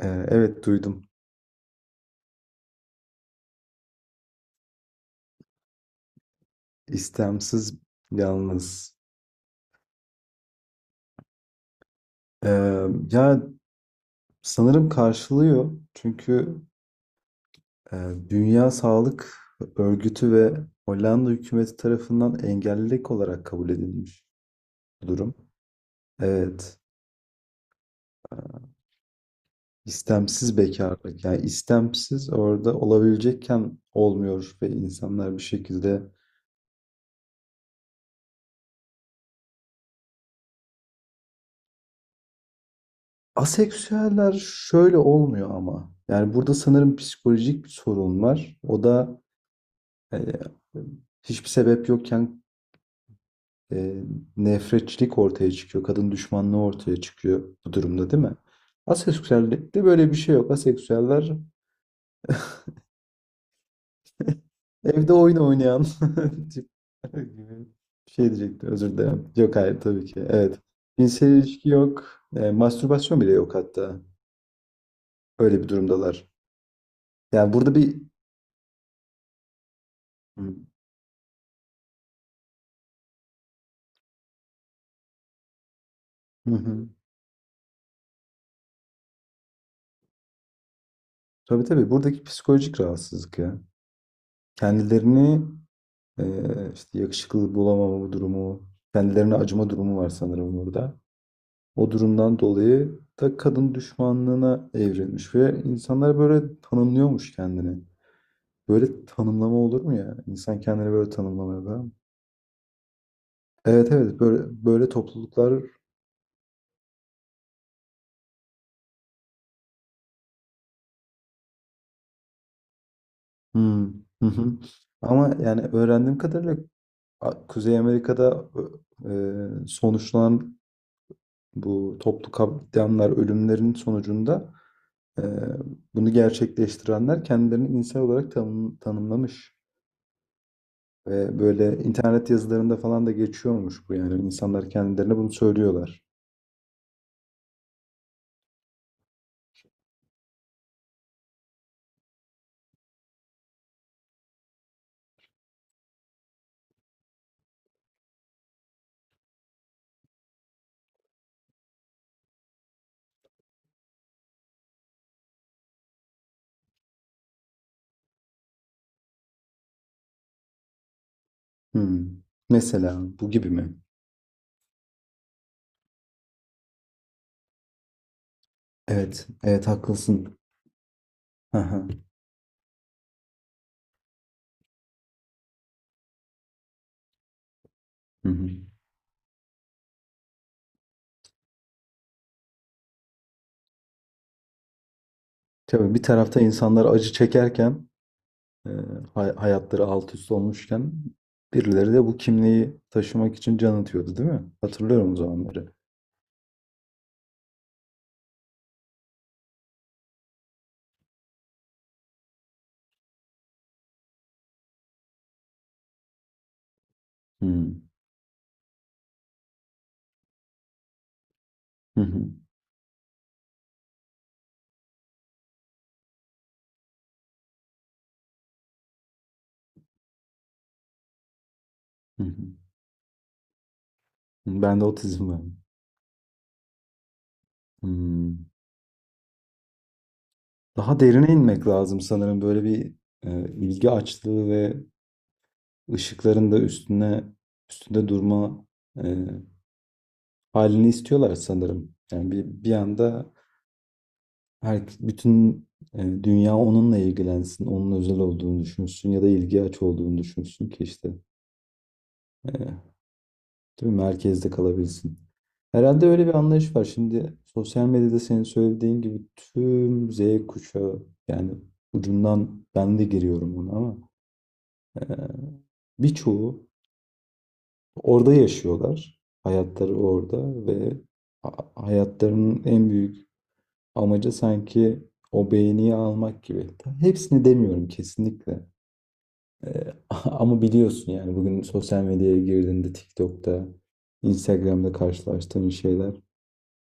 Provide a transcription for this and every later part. Evet duydum. İstemsiz yalnız. Eee, ya sanırım karşılıyor. Çünkü Dünya Sağlık Örgütü ve Hollanda hükümeti tarafından engellilik olarak kabul edilmiş bu durum. Evet. İstemsiz bekarlık. Yani istemsiz orada olabilecekken olmuyor ve insanlar bir şekilde aseksüeller şöyle olmuyor ama. Yani burada sanırım psikolojik bir sorun var. O da yani hiçbir sebep yokken e, nefretçilik ortaya çıkıyor. Kadın düşmanlığı ortaya çıkıyor bu durumda, değil mi? Aseksüellikte böyle bir şey yok. Aseksüeller evde oyun oynayan tip gibi bir şey diyecektim. Özür dilerim. Yok, hayır tabii ki. Evet. Cinsel ilişki yok. Mastürbasyon bile yok hatta. Öyle bir durumdalar. Yani burada bir... Hı hı. Tabii, tabii. Buradaki psikolojik rahatsızlık ya. Kendilerini Ee, işte yakışıklı bulamama durumu, kendilerine acıma durumu var sanırım burada. O durumdan dolayı da kadın düşmanlığına evrilmiş ve insanlar böyle tanımlıyormuş kendini. Böyle tanımlama olur mu ya? İnsan kendini böyle tanımlamaya ben. Evet, evet, böyle böyle topluluklar. Hmm, hı hı. Ama yani öğrendiğim kadarıyla Kuzey Amerika'da sonuçlanan bu toplu katliamlar ölümlerin sonucunda, Ee, Bunu gerçekleştirenler kendilerini insan olarak tanımlamış. Ve böyle internet yazılarında falan da geçiyormuş bu, yani. İnsanlar kendilerine bunu söylüyorlar. Hmm. Mesela bu gibi mi? Evet, evet, haklısın. Aha. Hı hı. Tabii, bir tarafta insanlar acı çekerken, e, hayatları alt üst olmuşken birileri de bu kimliği taşımak için can atıyordu, değil mi? Hatırlıyorum o zamanları. Hmm. Hı hı. Hı hı. Ben de otizm var. Daha derine inmek lazım sanırım. Böyle bir ilgi açlığı ve ışıkların da üstünde durma e, halini istiyorlar sanırım. Yani bir anda bütün dünya onunla ilgilensin, onun özel olduğunu düşünsün ya da ilgi aç olduğunu düşünsün ki işte, e, değil mi? Merkezde kalabilsin. Herhalde öyle bir anlayış var. Şimdi sosyal medyada senin söylediğin gibi tüm Z kuşağı, yani ucundan ben de giriyorum ona, ama Ee, birçoğu orada yaşıyorlar. Hayatları orada ve hayatlarının en büyük amacı sanki o beğeniyi almak gibi. Tabii hepsini demiyorum kesinlikle. Ee, Ama biliyorsun, yani bugün sosyal medyaya girdiğinde TikTok'ta, Instagram'da karşılaştığın şeyler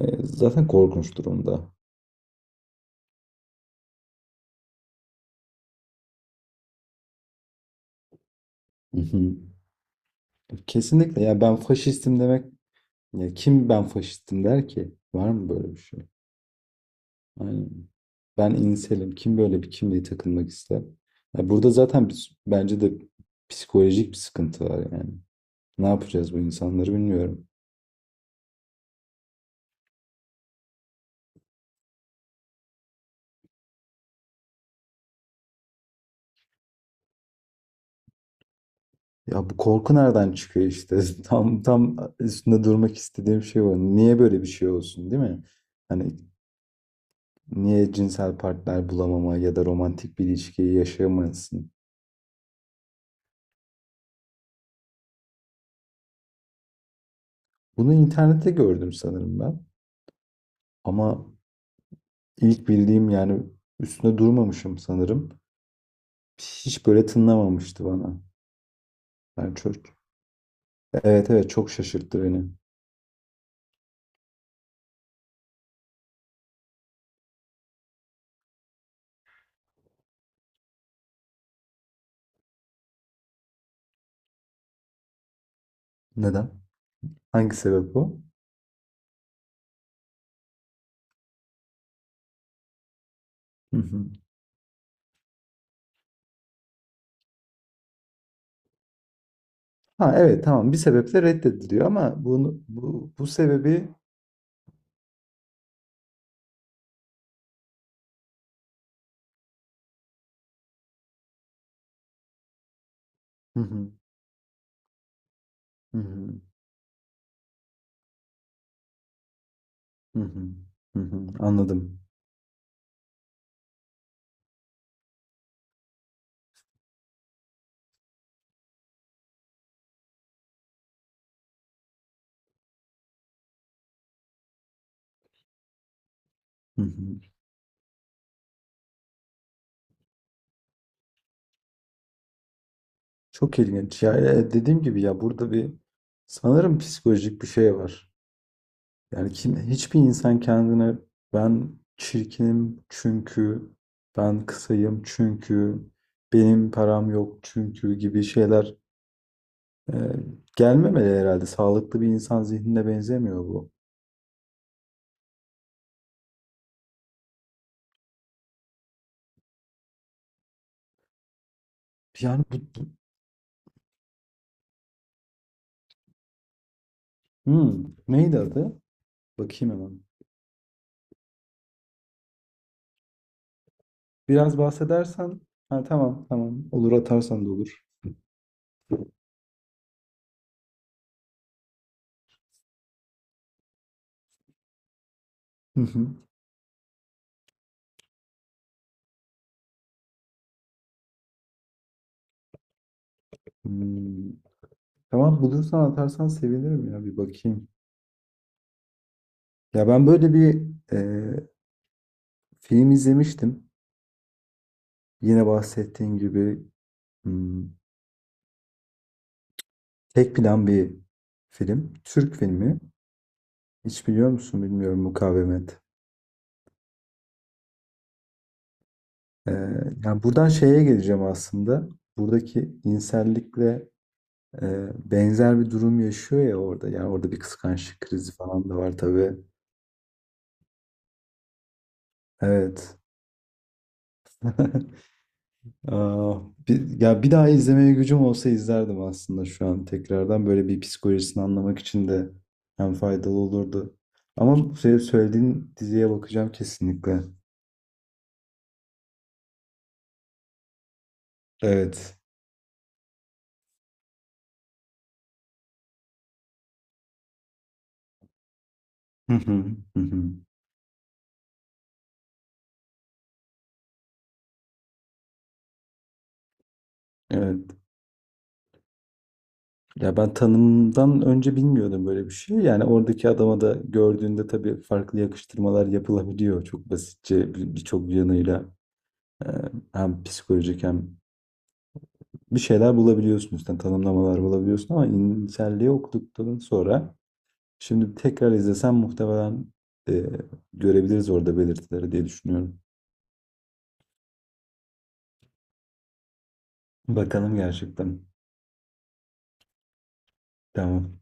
zaten korkunç durumda. Hı hı. Kesinlikle ya, ben faşistim demek, ya kim ben faşistim der ki? Var mı böyle bir şey? Aynen. Ben inselim. Kim böyle bir kimliğe takılmak ister? Ya burada zaten bence de psikolojik bir sıkıntı var yani. Ne yapacağız bu insanları bilmiyorum. Ya bu korku nereden çıkıyor işte? Tam üstünde durmak istediğim şey o. Niye böyle bir şey olsun, değil mi? Hani niye cinsel partner bulamama ya da romantik bir ilişkiyi yaşayamasın? Bunu internette gördüm sanırım ben. Ama ilk bildiğim yani üstüne durmamışım sanırım. Hiç böyle tınlamamıştı bana. Yani çok, evet, evet, çok şaşırttı beni. Neden? Hangi sebep o? Hı hı. Ha, evet, tamam, bir sebeple reddediliyor ama bunu bu sebebi... Hı hı, hı hı, hı hı, hı hı, anladım. Hı hı. Çok ilginç. Ya, dediğim gibi, ya burada bir sanırım psikolojik bir şey var. Yani kim, hiçbir insan kendine ben çirkinim çünkü, ben kısayım çünkü, benim param yok çünkü gibi şeyler Ee, gelmemeli herhalde. Sağlıklı bir insan zihnine benzemiyor bu. Yani neydi adı? Bakayım hemen. Biraz bahsedersen. Ha, tamam tamam. Olur, atarsan da olur. Hı hı. Hmm. Tamam, bulursan atarsan sevinirim ya, bir bakayım. Ya ben böyle bir e, film izlemiştim. Yine bahsettiğin gibi, hmm, tek plan bir film. Türk filmi. Hiç biliyor musun bilmiyorum, Mukavemet. Ee, yani buradan şeye geleceğim aslında. Buradaki insellikle benzer bir durum yaşıyor ya orada. Yani orada bir kıskançlık krizi falan da var tabii. Evet. Aa, ya bir daha izlemeye gücüm olsa izlerdim aslında şu an tekrardan. Böyle bir psikolojisini anlamak için de hem faydalı olurdu. Ama senin söylediğin diziye bakacağım kesinlikle. Evet. Hı hı, hı hı. Evet. Ya ben tanımdan önce bilmiyordum böyle bir şey. Yani oradaki adama da gördüğünde tabii farklı yakıştırmalar yapılabiliyor. Çok basitçe birçok yanıyla e, hem psikolojik hem bir şeyler bulabiliyorsun, üstten tanımlamalar bulabiliyorsun ama inselliği okuduktan sonra şimdi tekrar izlesem muhtemelen e, görebiliriz orada belirtileri diye düşünüyorum. Bakalım gerçekten. Tamam.